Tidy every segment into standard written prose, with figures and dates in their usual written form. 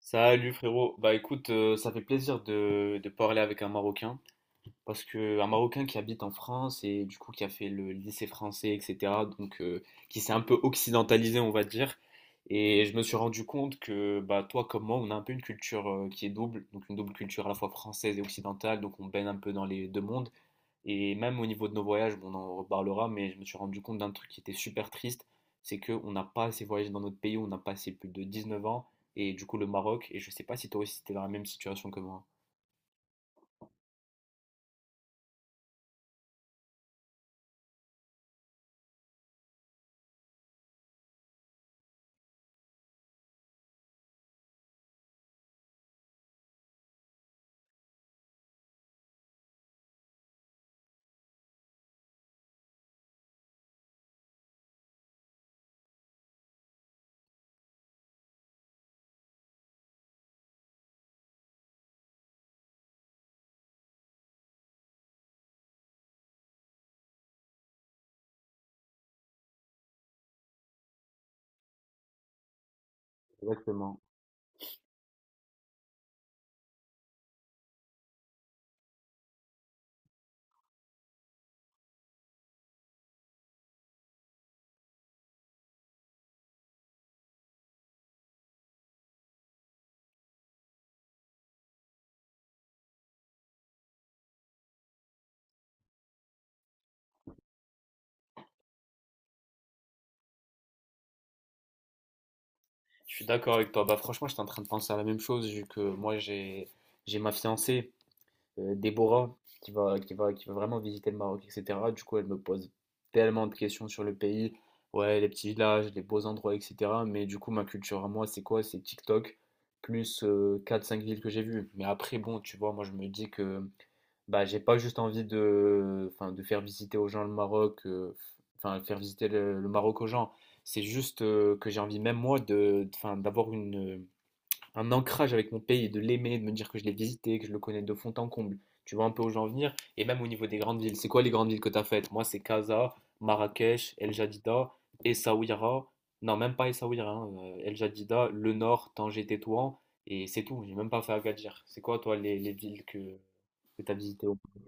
Salut frérot, bah écoute, ça fait plaisir de parler avec un Marocain. Parce qu'un Marocain qui habite en France et du coup qui a fait le lycée français, etc., donc qui s'est un peu occidentalisé, on va dire. Et je me suis rendu compte que bah, toi comme moi, on a un peu une culture qui est double, donc une double culture à la fois française et occidentale, donc on baigne un peu dans les deux mondes. Et même au niveau de nos voyages, bon, on en reparlera, mais je me suis rendu compte d'un truc qui était super triste, c'est qu'on n'a pas assez voyagé dans notre pays, on n'a pas assez plus de 19 ans, et du coup le Maroc, et je sais pas si toi aussi t'es dans la même situation que moi. Exactement. Je suis d'accord avec toi. Bah, franchement, j'étais en train de penser à la même chose, vu que moi, j'ai ma fiancée, Déborah, qui va vraiment visiter le Maroc, etc. Du coup, elle me pose tellement de questions sur le pays. Ouais, les petits villages, les beaux endroits, etc. Mais du coup, ma culture à moi, c'est quoi? C'est TikTok, plus quatre cinq villes que j'ai vues. Mais après, bon, tu vois, moi, je me dis que bah, j'ai pas juste envie de, enfin, de faire visiter aux gens le Maroc, enfin, faire visiter le Maroc aux gens. C'est juste que j'ai envie, même moi, de, enfin, d'avoir une, un ancrage avec mon pays, de l'aimer, de me dire que je l'ai visité, que je le connais de fond en comble. Tu vois un peu où j'en venir. Et même au niveau des grandes villes, c'est quoi les grandes villes que tu as faites? Moi, c'est Casa, Marrakech, El Jadida, Essaouira. Non, même pas Essaouira, hein, El Jadida, Le Nord, Tanger, Tétouan. Et c'est tout. J'ai même pas fait Agadir. C'est quoi, toi, les villes que tu as visitées au Maroc?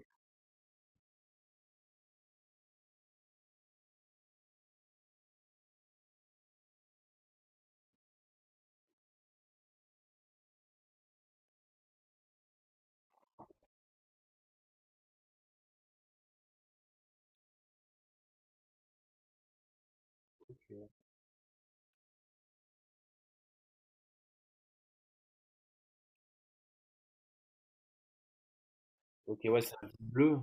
Ok, ouais, c'est un vin bleu.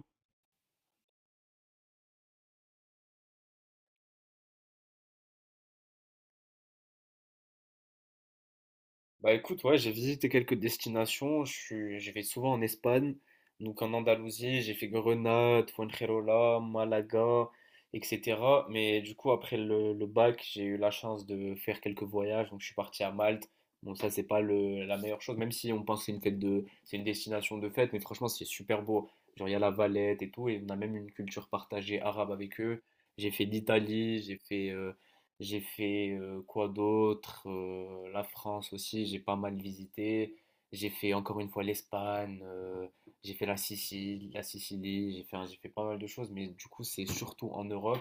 Bah écoute, ouais, j'ai visité quelques destinations. Je vais souvent en Espagne, donc en Andalousie, j'ai fait Grenade, Fuengirola, Malaga, etc. Mais du coup, après le bac, j'ai eu la chance de faire quelques voyages. Donc je suis parti à Malte. Bon, ça, c'est pas la meilleure chose, même si on pense que c'est c'est une destination de fête, mais franchement, c'est super beau. Genre, il y a la Valette et tout, et on a même une culture partagée arabe avec eux. J'ai fait l'Italie, j'ai fait quoi d'autre? La France aussi, j'ai pas mal visité. J'ai fait encore une fois l'Espagne, j'ai fait la Sicile, j'ai fait pas mal de choses, mais du coup, c'est surtout en Europe.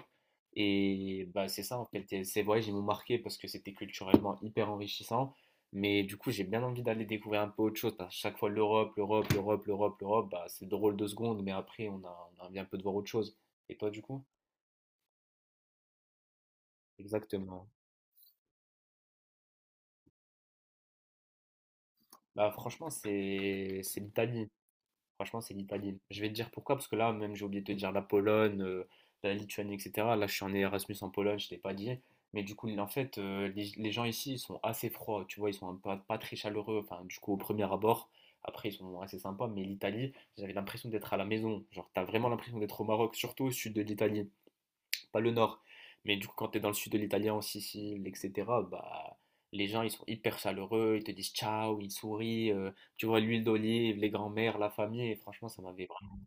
Et bah, c'est ça, en fait, et ces voyages, ils m'ont marqué parce que c'était culturellement hyper enrichissant. Mais du coup, j'ai bien envie d'aller découvrir un peu autre chose, parce que chaque fois, l'Europe, l'Europe, l'Europe, l'Europe, l'Europe, bah, c'est drôle deux secondes, mais après, on a envie un peu de voir autre chose. Et toi, du coup? Exactement. Bah, franchement, c'est l'Italie. Franchement, c'est l'Italie. Je vais te dire pourquoi, parce que là, même, j'ai oublié de te dire la Pologne, la Lituanie, etc. Là, je suis en Erasmus en Pologne, je t'ai pas dit. Mais du coup, en fait, les gens ici, ils sont assez froids, tu vois, ils sont pas très chaleureux. Enfin, du coup, au premier abord, après, ils sont assez sympas. Mais l'Italie, j'avais l'impression d'être à la maison. Genre, t'as vraiment l'impression d'être au Maroc, surtout au sud de l'Italie pas le nord, mais du coup, quand tu es dans le sud de l'Italie en Sicile, etc., bah, les gens, ils sont hyper chaleureux, ils te disent ciao, ils sourient, tu vois, l'huile d'olive, les grands-mères, la famille, et franchement, ça m'avait vraiment...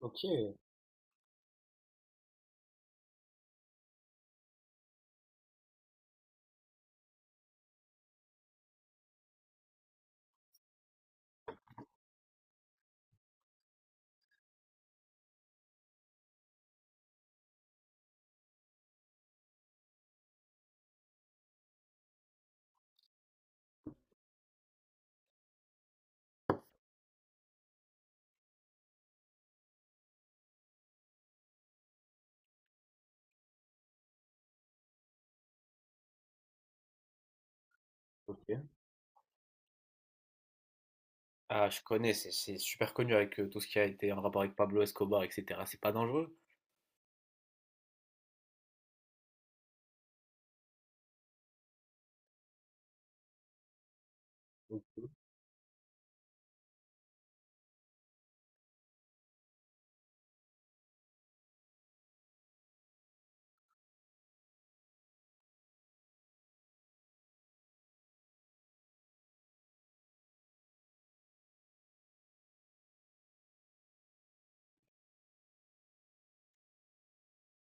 Ok, ok. Ah, je connais, c'est super connu avec tout ce qui a été en rapport avec Pablo Escobar, etc. C'est pas dangereux. Ok.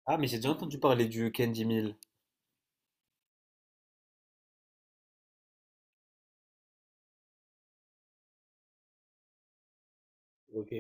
Ah, mais j'ai déjà entendu parler du Candy Mill. Ok.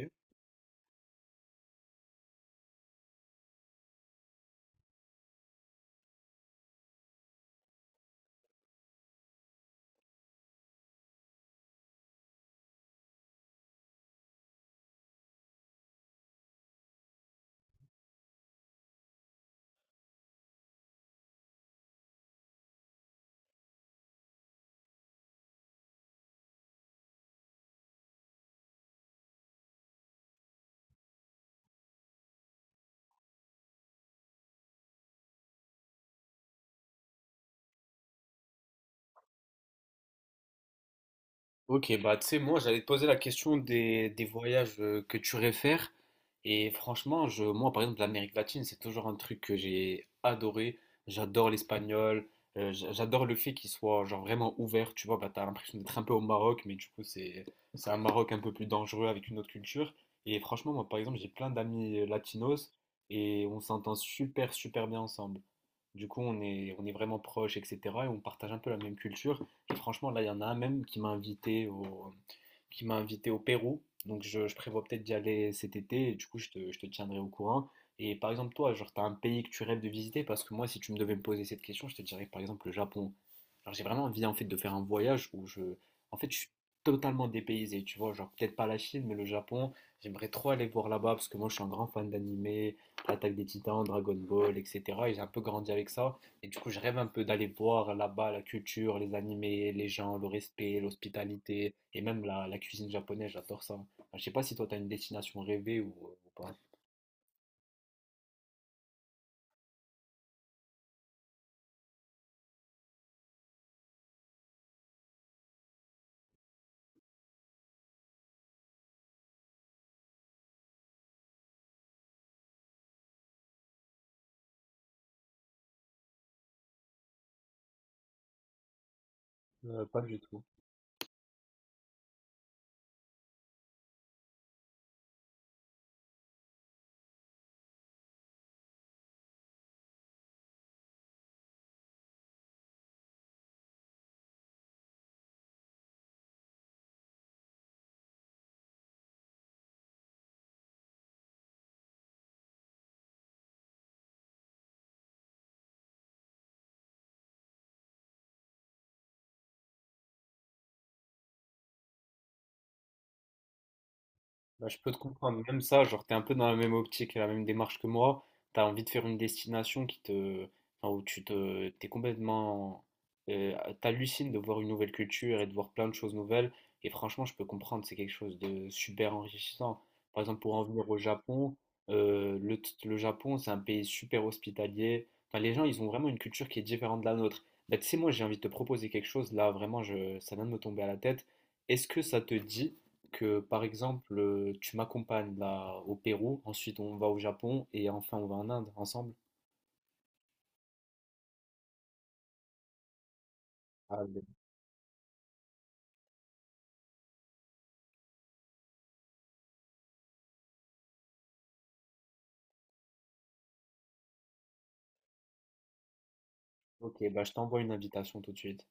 Ok, bah tu sais, moi j'allais te poser la question des voyages que tu réfères. Et franchement, moi par exemple, l'Amérique latine, c'est toujours un truc que j'ai adoré. J'adore l'espagnol, j'adore le fait qu'il soit genre vraiment ouvert. Tu vois, bah, t'as l'impression d'être un peu au Maroc, mais du coup, c'est un Maroc un peu plus dangereux avec une autre culture. Et franchement, moi par exemple, j'ai plein d'amis latinos et on s'entend super, super bien ensemble. Du coup, on est vraiment proches, etc. Et on partage un peu la même culture. Et franchement, là, il y en a un même qui m'a invité au Pérou. Donc, je prévois peut-être d'y aller cet été. Et du coup, je te tiendrai au courant. Et par exemple, toi, genre, t'as un pays que tu rêves de visiter parce que moi, si tu me devais me poser cette question, je te dirais par exemple le Japon. Alors, j'ai vraiment envie en fait de faire un voyage où je, en fait, je suis totalement dépaysé. Tu vois, genre peut-être pas la Chine, mais le Japon. J'aimerais trop aller voir là-bas parce que moi, je suis un grand fan d'animé, l'Attaque des Titans, Dragon Ball, etc. Et j'ai un peu grandi avec ça. Et du coup, je rêve un peu d'aller voir là-bas la culture, les animés, les gens, le respect, l'hospitalité et même la cuisine japonaise, j'adore ça. Enfin, je sais pas si toi, tu as une destination rêvée ou pas. Pas du tout. Bah, je peux te comprendre, même ça, genre t'es un peu dans la même optique et la même démarche que moi, t'as envie de faire une destination qui te, enfin, où t'es complètement, euh, t'hallucines de voir une nouvelle culture et de voir plein de choses nouvelles, et franchement je peux comprendre, c'est quelque chose de super enrichissant. Par exemple pour en venir au Japon, le Japon c'est un pays super hospitalier, enfin les gens ils ont vraiment une culture qui est différente de la nôtre. Bah, tu sais moi j'ai envie de te proposer quelque chose, là vraiment ça vient de me tomber à la tête, est-ce que ça te dit que par exemple tu m'accompagnes là au Pérou, ensuite on va au Japon et enfin on va en Inde ensemble. Ah, ben, ok, bah, je t'envoie une invitation tout de suite.